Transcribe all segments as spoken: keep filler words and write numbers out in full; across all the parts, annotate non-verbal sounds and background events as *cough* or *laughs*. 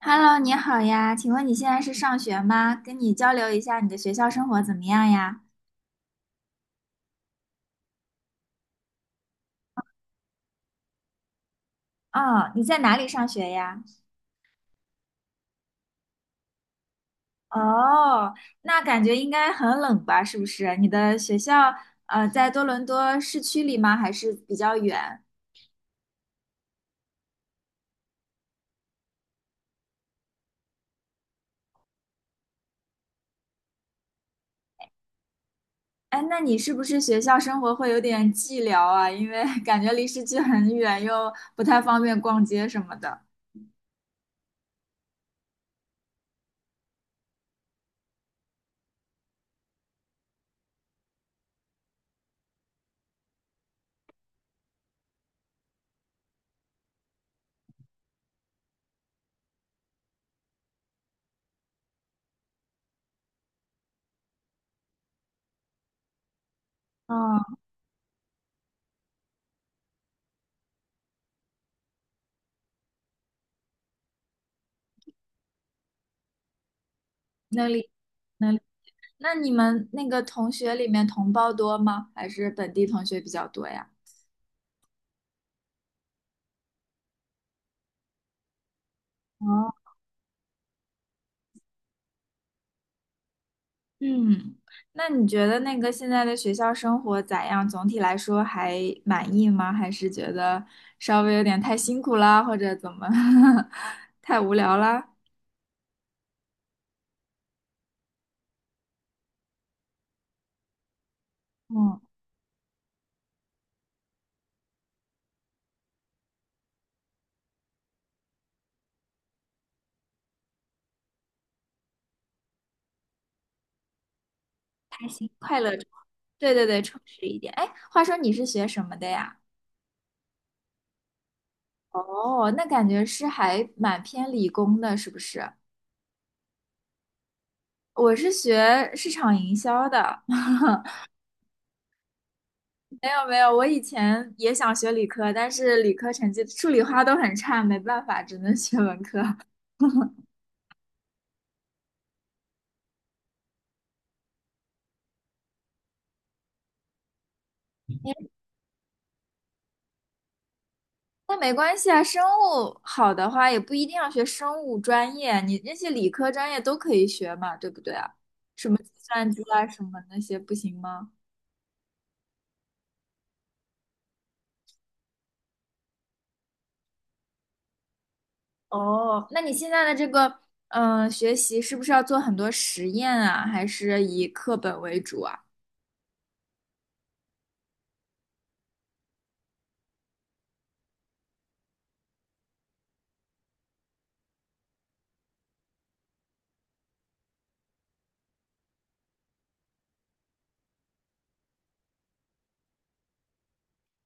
Hello，你好呀，请问你现在是上学吗？跟你交流一下你的学校生活怎么样呀？哦，你在哪里上学呀？哦，那感觉应该很冷吧？是不是？你的学校呃在多伦多市区里吗？还是比较远？哎，那你是不是学校生活会有点寂寥啊？因为 *laughs* 感觉离市区很远，又不太方便逛街什么的。哦，那里，那里，那你们那个同学里面同胞多吗？还是本地同学比较多呀？哦，嗯，那你觉得那个现在的学校生活咋样？总体来说还满意吗？还是觉得稍微有点太辛苦啦，或者怎么，*laughs* 太无聊啦？嗯，开心快乐着，对对对，充实一点。哎，话说你是学什么的呀？哦，那感觉是还蛮偏理工的，是不是？我是学市场营销的。*laughs* 没有没有，我以前也想学理科，但是理科成绩数理化都很差，没办法，只能学文科。那没关系啊，生物好的话也不一定要学生物专业，你那些理科专业都可以学嘛，对不对啊？什么计算机啊，什么那些不行吗？哦，那你现在的这个嗯、呃学习是不是要做很多实验啊，还是以课本为主啊？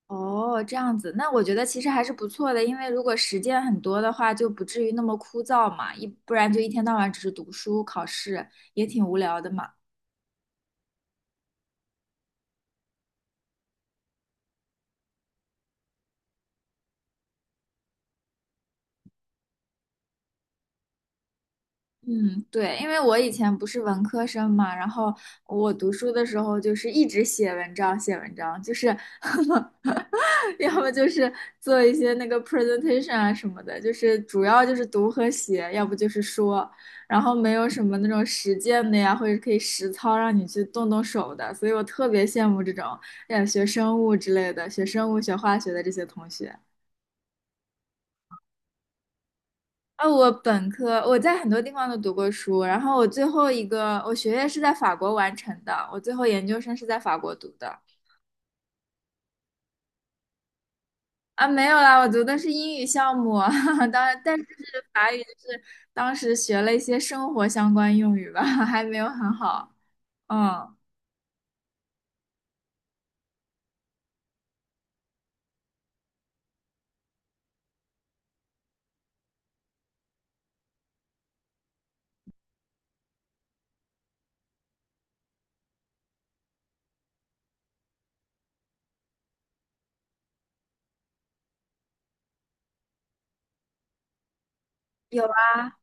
哦，这样子，那我觉得其实还是不错的，因为如果实践很多的话，就不至于那么枯燥嘛，一不然就一天到晚只是读书考试，也挺无聊的嘛。嗯，对，因为我以前不是文科生嘛，然后我读书的时候就是一直写文章，写文章，就是 *laughs* 要么就是做一些那个 presentation 啊什么的，就是主要就是读和写，要不就是说，然后没有什么那种实践的呀，或者可以实操让你去动动手的，所以我特别羡慕这种，哎，学生物之类的，学生物、学化学的这些同学。啊，我本科我在很多地方都读过书，然后我最后一个我学业是在法国完成的，我最后研究生是在法国读的。啊，没有啦，我读的是英语项目，*laughs* 当然，但是就是法语就是当时学了一些生活相关用语吧，*laughs* 还没有很好。嗯，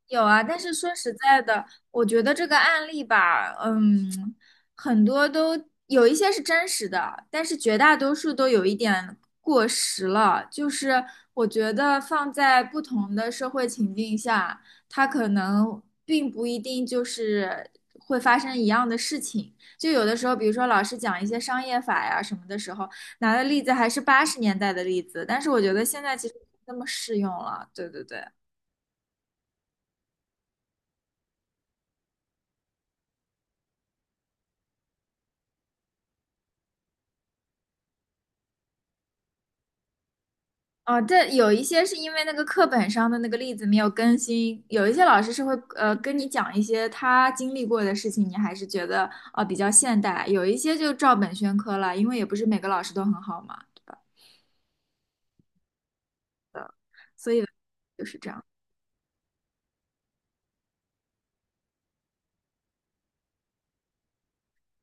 有啊，但是说实在的，我觉得这个案例吧，嗯，很多都有一些是真实的，但是绝大多数都有一点过时了。就是我觉得放在不同的社会情境下，它可能并不一定就是会发生一样的事情。就有的时候，比如说老师讲一些商业法呀什么的时候，拿的例子还是八十年代的例子，但是我觉得现在其实不那么适用了。对对对。哦，这有一些是因为那个课本上的那个例子没有更新，有一些老师是会呃跟你讲一些他经历过的事情，你还是觉得呃比较现代，有一些就照本宣科了，因为也不是每个老师都很好嘛，对吧？就是这样。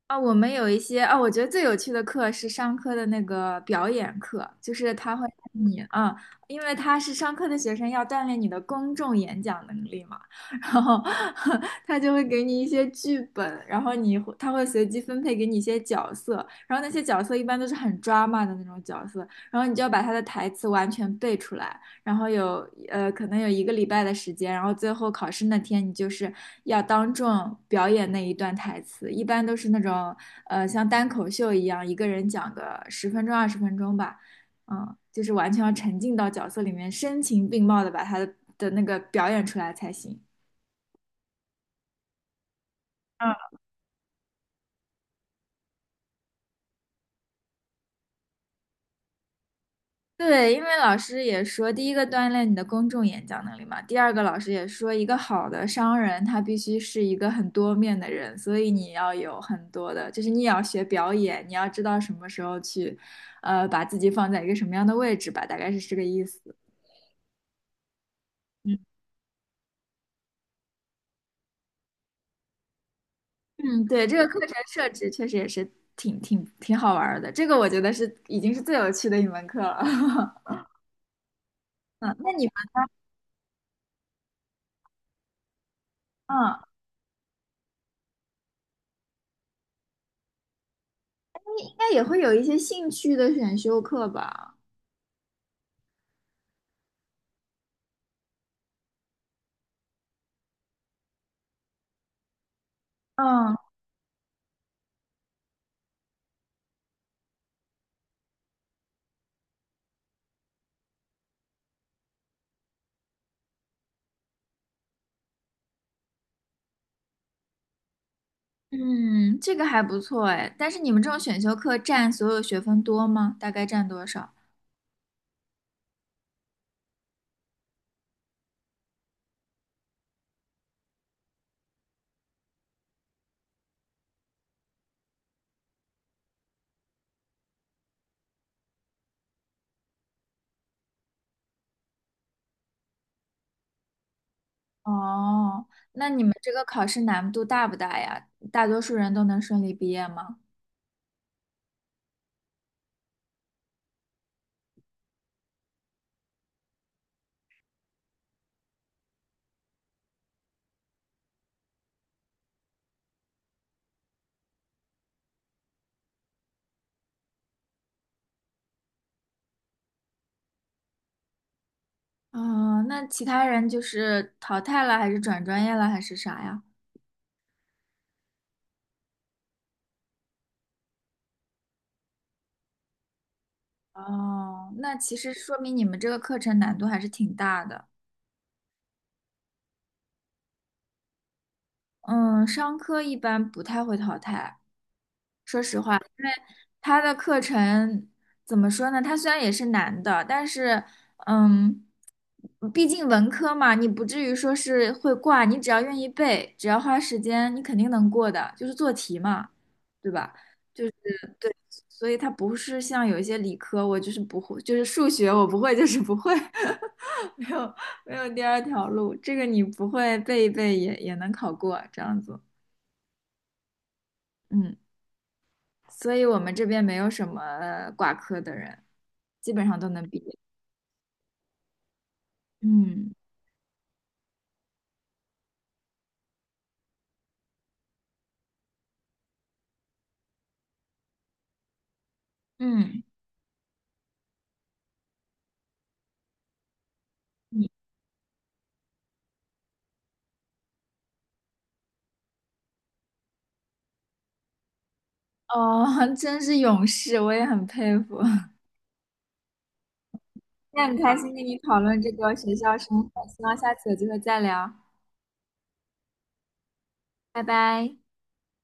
啊，我们有一些啊，我觉得最有趣的课是商科的那个表演课，就是他会让你啊，因为他是商科的学生，要锻炼你的公众演讲能力嘛，然后 *laughs* 他就会给你一些剧本，然后你会他会随机分配给你一些角色，然后那些角色一般都是很 drama 的那种角色，然后你就要把他的台词完全背出来，然后有呃，可能有一个礼拜的时间，然后最后考试那天，你就是要当众表演那一段台词，一般都是那种呃像单口秀一样，一个人讲个十分钟二十分钟吧，嗯，就是完全要沉浸到角色里面，声情并茂的把他的的那个表演出来才行。嗯。对，因为老师也说，第一个锻炼你的公众演讲能力嘛，第二个老师也说，一个好的商人他必须是一个很多面的人，所以你要有很多的，就是你也要学表演，你要知道什么时候去，呃，把自己放在一个什么样的位置吧，大概是这个意思。嗯，嗯，对，这个课程设置确实也是挺挺挺好玩儿的，这个我觉得是已经是最有趣的一门课了。*laughs* 嗯，那你们嗯，应该也会有一些兴趣的选修课吧？嗯。嗯，这个还不错哎，但是你们这种选修课占所有学分多吗？大概占多少？哦，那你们这个考试难度大不大呀？大多数人都能顺利毕业吗？哦，那其他人就是淘汰了，还是转专业了，还是啥呀？哦，那其实说明你们这个课程难度还是挺大的。嗯，商科一般不太会淘汰。他的课程怎么说呢？他虽然也是难的，但是，嗯，毕竟文科嘛，你不至于说是会挂，你只要愿意背，只要花时间，你肯定能过的，就是做题嘛，对吧？就是对，所以它不是像有一些理科，我就是不会，就是数学我不会，就是不会，*laughs* 没有没有第二条路，这个你不会背一背也也能考过，这样子，嗯。所以我们这边没有什么呃挂科的人，基本上都能毕业。嗯嗯，你哦，*laughs* 真是勇士，我也很佩服。*laughs* 那很开心跟你讨论这个学校生活，希望下次有机会再聊，拜拜。